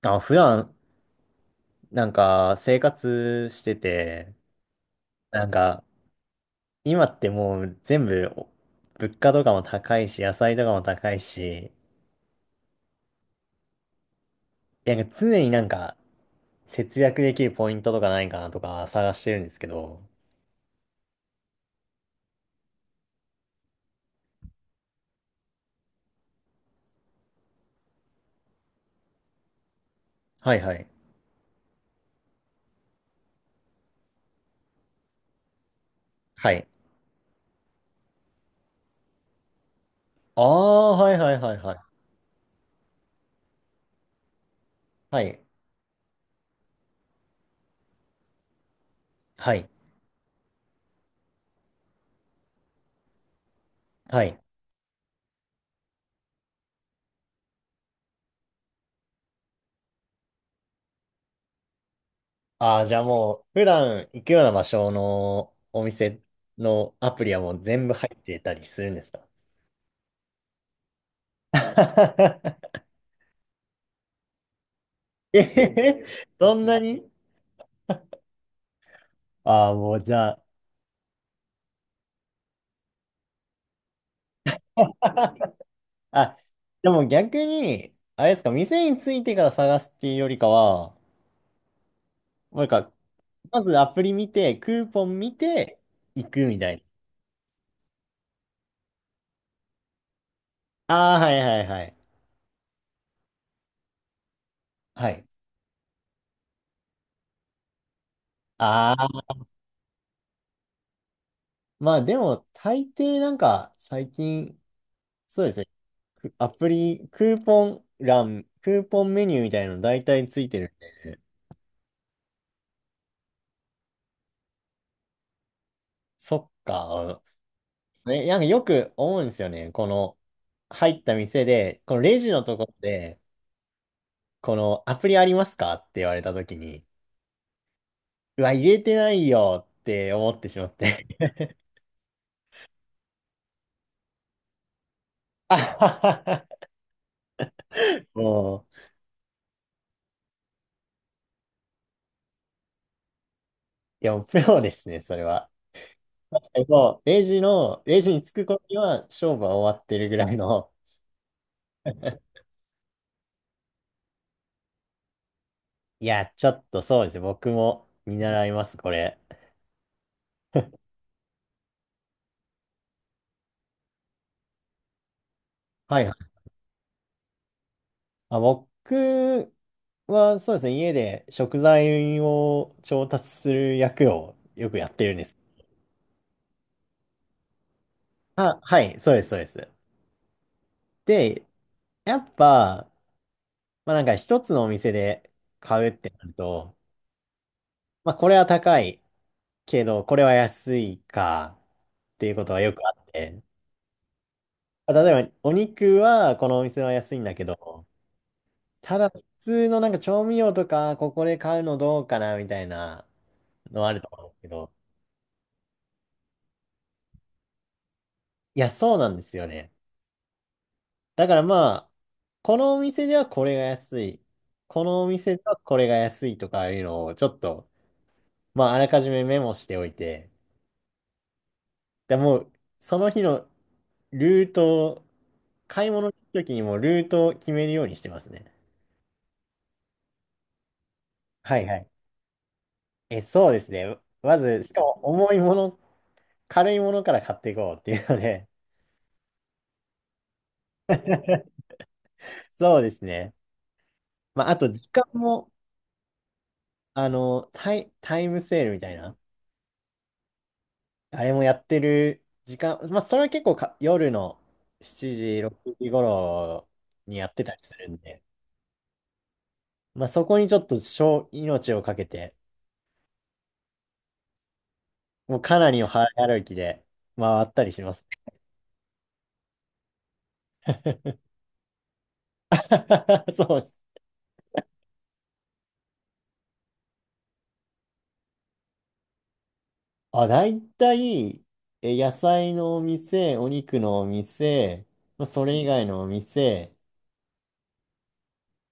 あ、普段、生活してて、なんか、今ってもう全部、物価とかも高いし、野菜とかも高いし、なんか常に、節約できるポイントとかないかなとか探してるんですけど。はいはい。はい。ああ、はいはいはいはい。はい。はい。はい。ああ、じゃあもう、普段行くような場所のお店のアプリはもう全部入ってたりするんですか？ えへへ、そんなに。ああー、もうじゃあ、あ、でも逆に、あれですか、店についてから探すっていうよりかは、なんか、まずアプリ見て、クーポン見て、行くみたいな。ああ、はいはいはい。はい。ああ、まあでも、大抵なんか、最近、そうですね、くアプリ、クーポンメニューみたいなの大体ついてるんで。そっか。ね、なんかよく思うんですよね。この、入った店で、このレジのところで、このアプリありますかって言われたときに、うわ、入れてないよって思ってしまって。あはははもう、いや、もうプロですね、それは。確かにもう、レジに着く頃には勝負は終わってるぐらいの。いや、ちょっとそうですね、僕も見習います、これ。はいはい。あ、僕はそうですね、家で食材を調達する役をよくやってるんです。あ、はい、そうです、そうです。で、やっぱ、まあなんか一つのお店で買うってなると、まあこれは高いけど、これは安いかっていうことはよくあって、まあ例えばお肉はこのお店は安いんだけど、ただ普通のなんか調味料とかここで買うのどうかなみたいなのあると思うんですけど、いや、そうなんですよね。だからまあ、このお店ではこれが安い、このお店ではこれが安いとかいうのをちょっと、まああらかじめメモしておいて、で、もうその日のルートを、買い物の時にもルートを決めるようにしてますね。はいはい。え、そうですね。まず、しかも重いもの、軽いものから買っていこうっていうので。そうですね。まああと時間も、あの、タイムセールみたいな。あれもやってる時間、まあ、それは結構か夜の7時、6時頃にやってたりするんで、まあ、そこにちょっと小命をかけて、もうかなりの早歩きで回ったりします。そうです。あ、大体、え、野菜のお店、お肉のお店、まあ、それ以外のお店、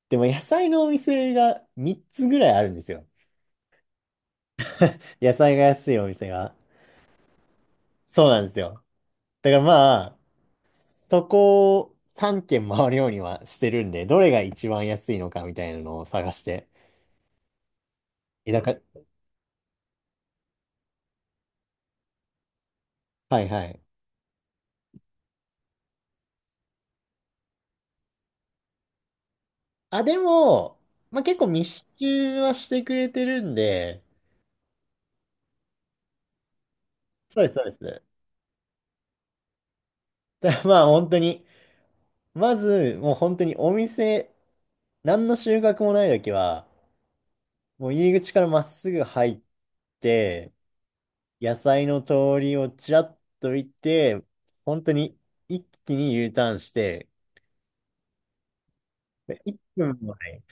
でも野菜のお店が3つぐらいあるんですよ。野菜が安いお店が。そうなんですよ。だからまあ、そこを3軒回るようにはしてるんで、どれが一番安いのかみたいなのを探して。え、だから、はいはい。あ、でも、まあ結構密集はしてくれてるんで、そうです、そうです。だからまあ本当に、まず、もう本当にお店、何の収穫もない時は、もう入り口からまっすぐ入って、野菜の通りをちらっと見て、本当に一気に U ターンして、1分もない。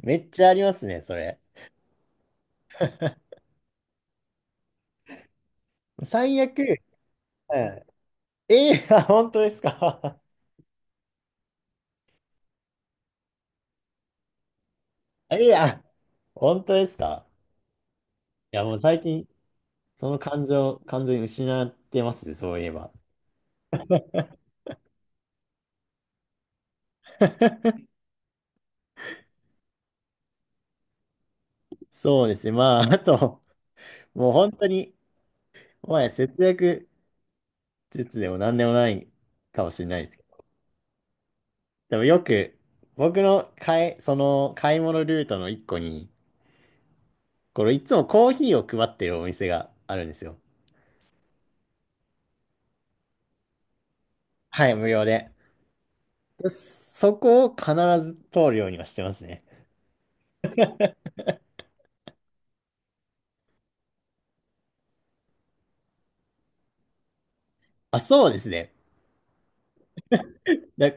めっちゃありますね、それ。最悪、うん。ええ、あ、本当ですか？ ええ、あ、本当ですか？いや、もう最近、その感情、完全に失ってますね、そういえば。そうですね、まあ、あと、もう本当に、もはや節約術でも何でもないかもしれないですけど、でもよく、僕の買い、その買い物ルートの一個に、これいつもコーヒーを配ってるお店があるんですよ。はい、無料で。そこを必ず通るようにはしてますね。あ、そうですね。だ、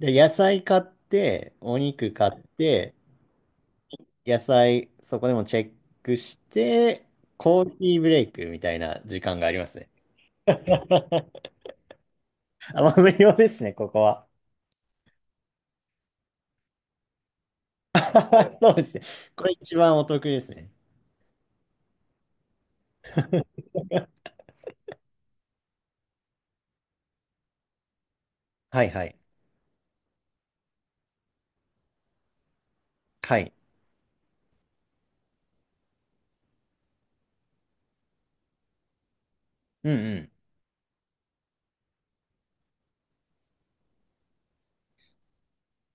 で野菜買って、お肉買って、野菜そこでもチェックして、コーヒーブレイクみたいな時間がありますね。あ、まあ無料ですね、ここは。そうですね。これ一番お得ですね。はいはい。はい。うんうん。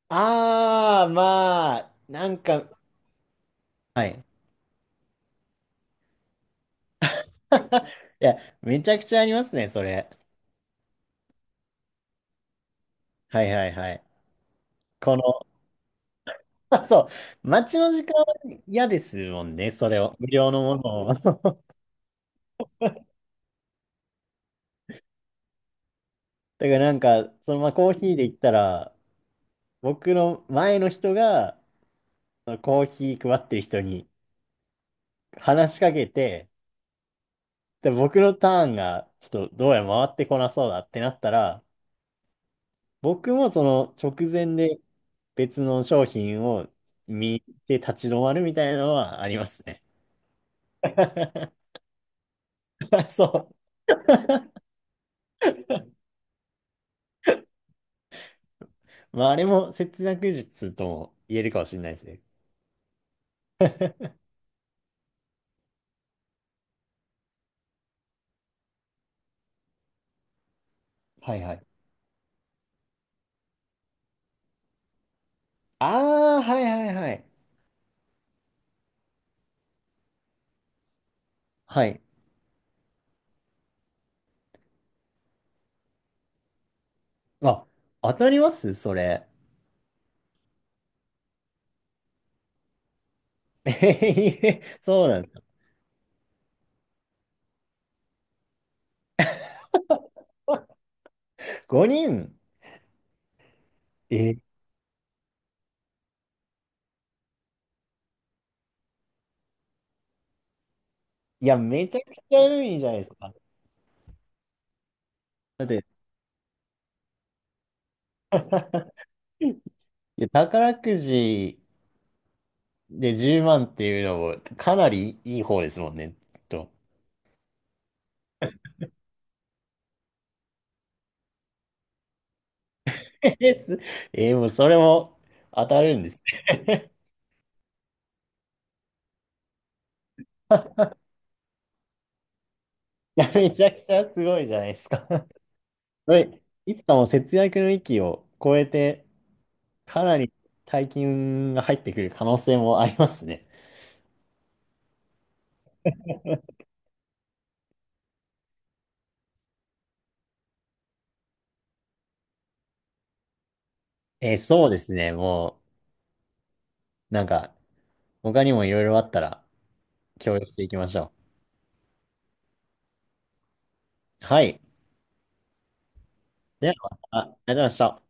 ああ、まあ、なんか、はい。いや、めちゃくちゃありますね、それ。はいはいはい。この あそう。待ちの時間は嫌ですもんね、それを。無料のものを。だからなんか、そのまあコーヒーで言ったら、僕の前の人が、そのコーヒー配ってる人に話しかけて、で、僕のターンが、ちょっとどうやら回ってこなそうだってなったら、僕もその直前で別の商品を見て立ち止まるみたいなのはありますね。そう。まあ、あれも節約術とも言えるかもしれないですね。はいはい。ああ、はいはいはい。はい。あ、当たりますそれ？えへへそうなんだ。5人。え、いや、めちゃくちゃいいじゃないですか。だって、いや、宝くじで10万っていうのもかなりいい方ですもんね。きっと。えす、えもうそれも当たるんです。いや、めちゃくちゃすごいじゃないですか。それ、いつかも節約の域を超えてかなり大金が入ってくる可能性もありますね。えーそうですね。もう、なんか、他にもいろいろあったら共有していきましょう。はい。では、またありがとうございました。